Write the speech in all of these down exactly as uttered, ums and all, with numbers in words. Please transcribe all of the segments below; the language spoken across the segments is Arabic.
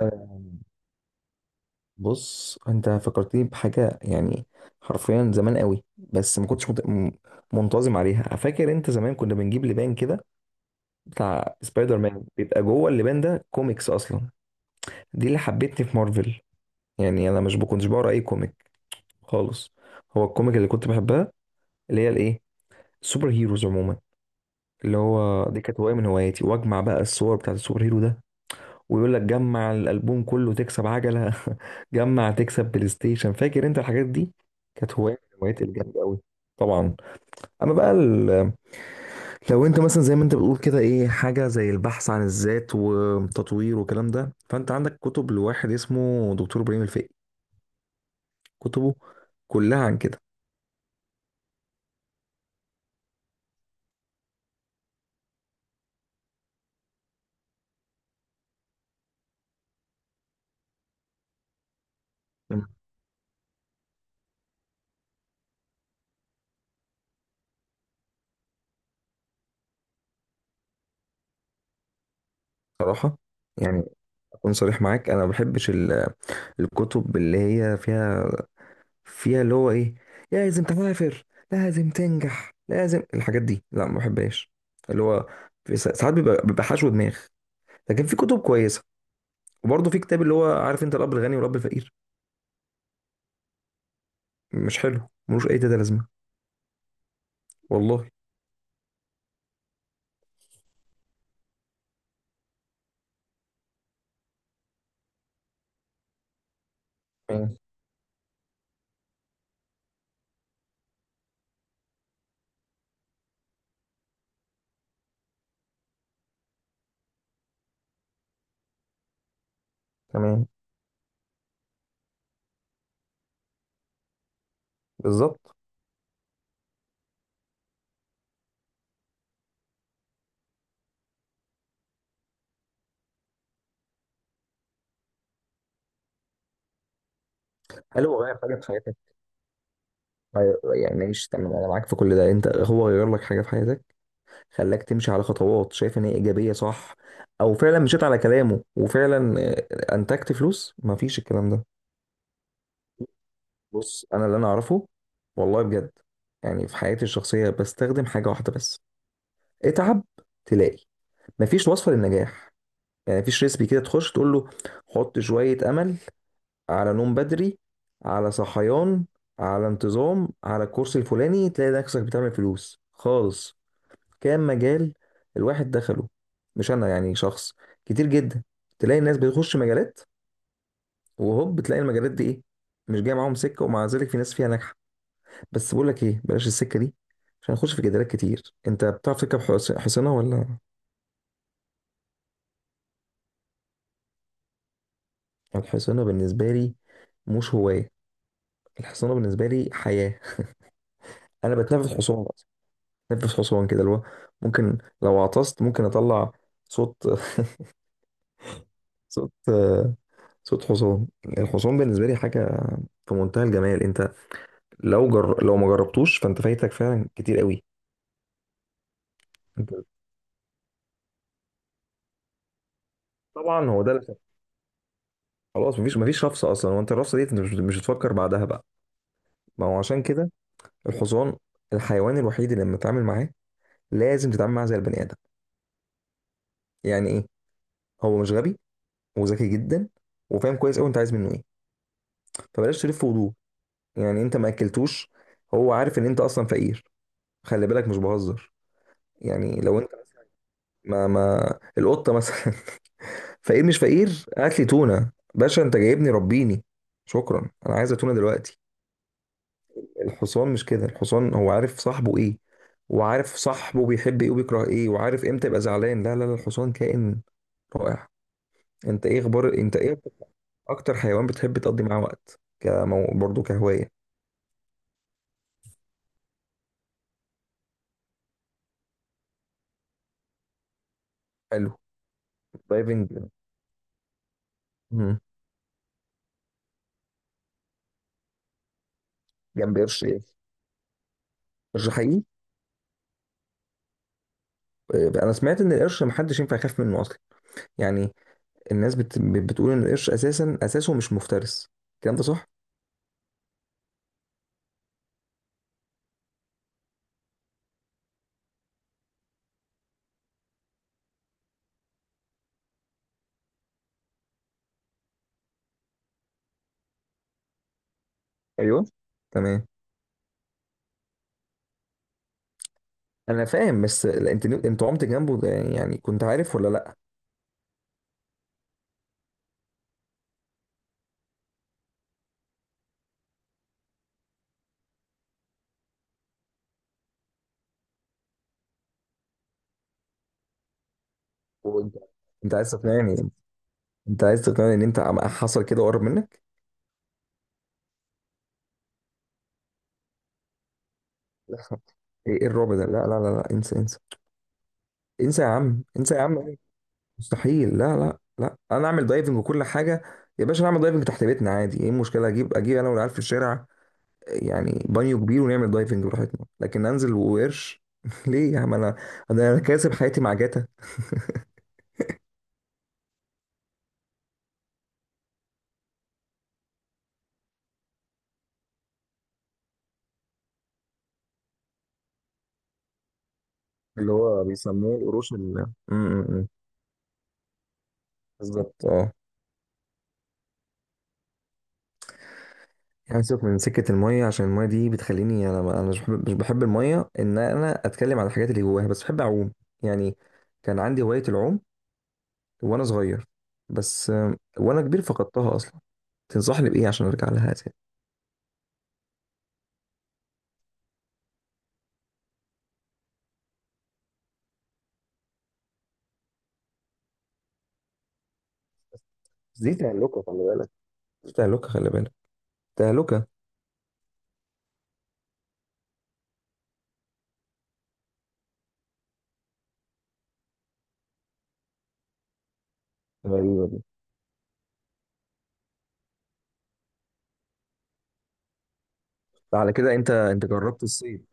آم، بص، انت فكرتني بحاجه. يعني حرفيا زمان قوي، بس ما كنتش مت... م- منتظم عليها. فاكر انت زمان كنا بنجيب لبان كده بتاع سبايدر مان، بيبقى جوه اللبان ده كوميكس اصلا؟ دي اللي حبتني في مارفل. يعني انا مش كنتش بقرا اي كوميك خالص. هو الكوميك اللي كنت بحبها اللي هي الايه، السوبر هيروز عموما. اللي هو دي كانت هوايه من هواياتي، واجمع بقى الصور بتاعت السوبر هيرو ده. ويقول لك جمع الالبوم كله تكسب عجله جمع تكسب بلاي ستيشن. فاكر انت الحاجات دي؟ كانت هوايه من الهوايات الجامده قوي. طبعا. اما بقى ال- لو انت مثلا زي ما انت بتقول كده ايه، حاجه زي البحث عن الذات وتطوير والكلام ده، فانت عندك كتب لواحد اسمه دكتور ابراهيم الفقي. كتبه كلها عن كده. بصراحه يعني، اكون صريح معاك، انا ما بحبش ال- الكتب اللي هي فيها فيها اللي هو ايه، لازم تسافر، لازم تنجح، لازم الحاجات دي. لا، ما بحبهاش. اللي هو في سا- ساعات بيبقى بيبقى حشو دماغ. لكن في كتب كويسه. وبرضه في كتاب اللي هو، عارف انت، الاب الغني والاب الفقير. مش حلو، ملوش اي تلاته لازمه، والله. تمام. تمام. بالظبط. هل هو غير حاجة في حياتك؟ أيوة، يعني ماشي تمام، أنا معاك في كل ده. أنت، هو غير لك حاجة في حياتك؟ خلاك تمشي على خطوات شايف إن هي إيجابية، صح؟ أو فعلا مشيت على كلامه، وفعلا آه، أنتجت فلوس، مفيش الكلام ده؟ بص، انا اللي انا اعرفه، والله بجد، يعني في حياتي الشخصيه بستخدم حاجه واحده بس. اتعب، تلاقي. مفيش وصفه للنجاح. يعني مفيش ريسبي كده تخش تقول له حط شويه امل، على نوم بدري، على صحيان، على انتظام، على الكورس الفلاني، تلاقي نفسك بتعمل فلوس خالص. كام مجال الواحد دخله، مش انا يعني شخص، كتير جدا، تلاقي الناس بتخش مجالات وهوب بتلاقي المجالات دي ايه، مش جايه معاهم سكه، ومع ذلك في ناس فيها ناجحه. بس بقول لك ايه، بلاش السكه دي، عشان هنخش في جدالات كتير. انت بتعرف تركب حص- حصانه ولا؟ الحصانه بالنسبه لي مش هوايه، الحصانه بالنسبه لي حياه. انا بتنفس حصان أصلاً. بتنفس حصان كده، اللي هو ممكن لو عطست ممكن اطلع صوت صوت صوت حصان. الحصان بالنسبه لي حاجه في منتهى الجمال. انت لو جر... لو ما جربتوش فانت فايتك فعلا كتير قوي. انت، طبعا هو ده اللي- خلاص، مفيش مفيش رفسه اصلا، وانت الرفسه دي انت مش مش هتفكر بعدها بقى. ما هو عشان كده، الحصان الحيوان الوحيد اللي لما تتعامل معاه لازم تتعامل معاه زي البني ادم. يعني ايه؟ هو مش غبي، وذكي جدا، وفاهم كويس قوي انت عايز منه ايه. فبلاش تلف وضوء. يعني انت ما اكلتوش، هو عارف ان انت اصلا فقير. خلي بالك مش بهزر. يعني لو انت مثلا، ما ما القطه مثلا فقير مش فقير، هات لي تونه باشا، انت جايبني ربيني، شكرا انا عايزه تونه دلوقتي. الحصان مش كده، الحصان هو عارف صاحبه ايه، وعارف صاحبه بيحب ايه وبيكره ايه، وعارف امتى يبقى زعلان. لا لا لا، الحصان كائن رائع. انت، ايه اخبار؟ انت ايه اكتر حيوان بتحب تقضي معاه وقت كمو... برضه كهواية؟ حلو. دايفنج. مم. جنب قرش ايه؟ قرش حقيقي؟ آه، انا سمعت ان القرش محدش ينفع يخاف منه اصلا. يعني الناس بت... بتقول ان القرش اساسا اساسه مش مفترس، الكلام ده صح؟ ايوه. تمام. انا فاهم، بس لا، انت انت عمت جنبه ده يعني، كنت عارف ولا لا؟ وانت، انت عايز تقنعني انت عايز تقنعني ان انت عم- حصل كده وقرب منك؟ لا. ايه إيه الرعب ده؟ لا لا لا لا، انسى انسى، انسى يا عم، انسى يا عم. مستحيل. لا لا لا، انا اعمل دايفنج وكل حاجه؟ يا باشا نعمل دايفنج تحت بيتنا عادي، ايه المشكله؟ اجيب اجيب انا والعيال في الشارع، يعني بانيو كبير، ونعمل دايفنج براحتنا. لكن انزل وقرش ليه يا عم؟ انا انا كاسب حياتي مع جاتا. اللي هو بيسموه القروش ال- م- م- م. بالظبط، اه. يعني سيبك من سكة المية، عشان المية دي بتخليني، أنا أنا مش بحب, مش بحب المية، إن أنا أتكلم عن الحاجات اللي جواها، بس بحب أعوم. يعني كان عندي هواية العوم وأنا صغير، بس آم، وأنا كبير فقدتها أصلا. تنصحني بإيه عشان أرجع لها تاني؟ بس دي تهلكة، خلي بالك. دي تهلكة، خلي بالك. تهلكة. غريبة دي. على كده أنت أنت جربت الصيد؟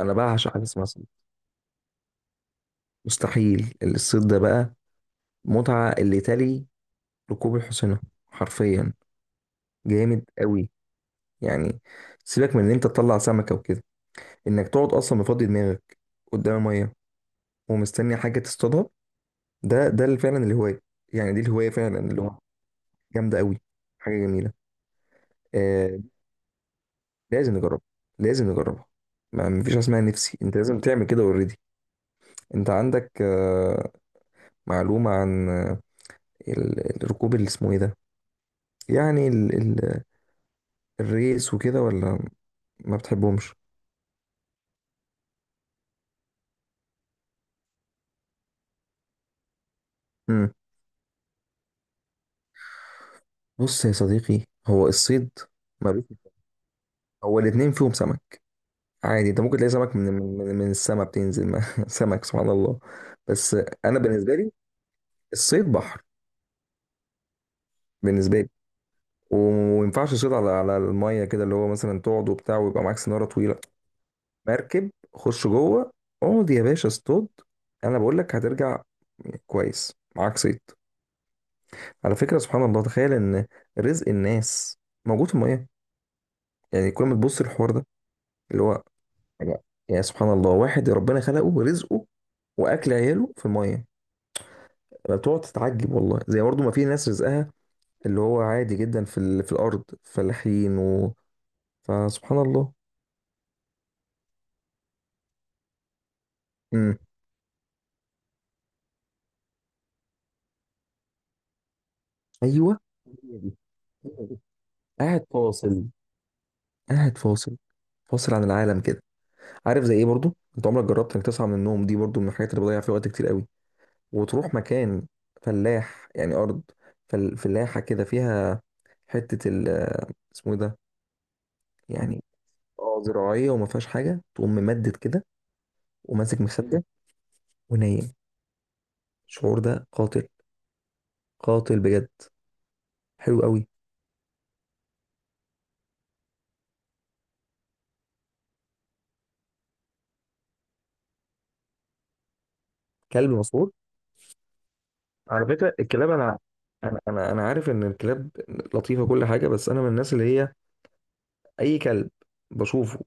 أنا بعشق حاجة اسمها صيد، مستحيل. الصيد ده بقى متعة اللي تلي ركوب الحصينة، حرفيا جامد قوي. يعني سيبك من ان انت تطلع سمكة وكده، انك تقعد اصلا مفضي دماغك قدام المية ومستني حاجة تصطادها، ده ده اللي فعلا الهواية. يعني دي الهواية فعلا، اللي هو آه. جامدة قوي. حاجة جميلة. آه لازم نجربها، لازم نجربها. ما مفيش حاجة اسمها نفسي، انت لازم تعمل كده اوريدي. انت عندك آه معلومة عن آه ال- الركوب اللي اسمه ايه ده؟ يعني ال ال الريس وكده، ولا ما بتحبهمش؟ مم. بص يا صديقي، هو الصيد، ما بي... هو الاتنين فيهم سمك عادي، انت ممكن تلاقي سمك من من, من السما بتنزل ما. سمك، سبحان الله. بس انا بالنسبه لي الصيد بحر. بالنسبه لي، وما ينفعش تصيد على على الميه كده، اللي هو مثلا تقعد وبتاع ويبقى معاك سناره طويله. مركب، خش جوه، اقعد يا باشا اصطاد. انا بقول لك هترجع كويس معاك صيد. على فكره، سبحان الله، تخيل ان رزق الناس موجود في الميه. يعني كل ما تبص الحوار ده اللي هو، يا سبحان الله، واحد ربنا خلقه رزقه واكل عياله في الميه. انا بتقعد تتعجب والله، زي برضه ما في ناس رزقها اللي هو عادي جدا في ال... في الارض، فلاحين و... فسبحان الله. امم. ايوه، هي دي. هي دي. قاعد فاصل. قاعد فاصل، فاصل عن العالم كده. عارف زي ايه برضه؟ انت عمرك جربت انك تصحى من النوم، دي برضه من الحاجات اللي بضيع فيها وقت كتير قوي، وتروح مكان فلاح، يعني ارض فل... فلاحه كده، فيها حته ال اسمه إيه ده، يعني اه زراعيه، وما فيهاش حاجه، تقوم ممدد كده وماسك مخده ونايم. الشعور ده قاتل، قاتل بجد. حلو قوي. كلب مسعور. على فكره الكلاب، انا انا انا أنا عارف ان الكلاب لطيفه كل حاجه، بس انا من الناس اللي هي اي كلب بشوفه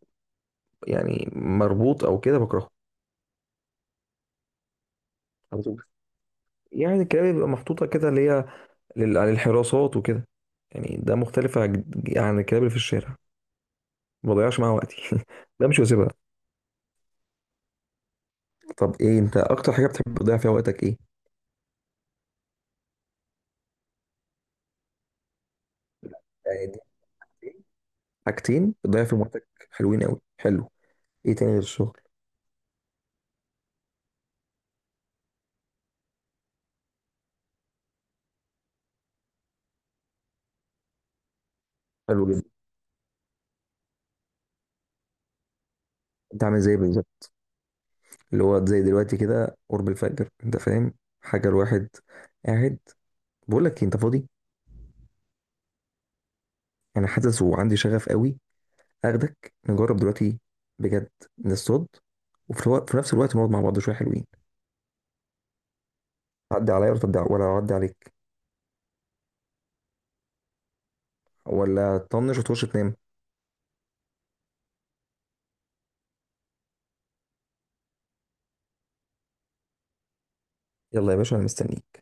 يعني مربوط او كده بكرهه على طول. يعني الكلاب بيبقى محطوطه كده اللي هي لل- للحراسات وكده، يعني ده مختلف عن عن الكلاب اللي في الشارع، ما بضيعش معاها وقتي بمشي واسيبها. طب ايه انت اكتر حاجه بتحب تضيع فيها وقتك ايه؟ يعني دي حاجتين بتضيع فيهم وقتك، حلوين قوي، حلو. ايه تاني غير الشغل؟ حلو جدا. انت عامل زي بالظبط اللي هو زي دلوقتي كده، قرب الفجر، انت فاهم، حاجه الواحد قاعد. بقول لك إيه، انت فاضي؟ انا حاسس وعندي شغف قوي اخدك نجرب دلوقتي بجد، نصطاد، وفي الو- في نفس الوقت نقعد مع بعض شويه، حلوين. تعدي عليا ولا تعدي، ولا اعدي عليك، ولا تطنش وتخش تنام؟ يلا يا باشا، انا مستنيك.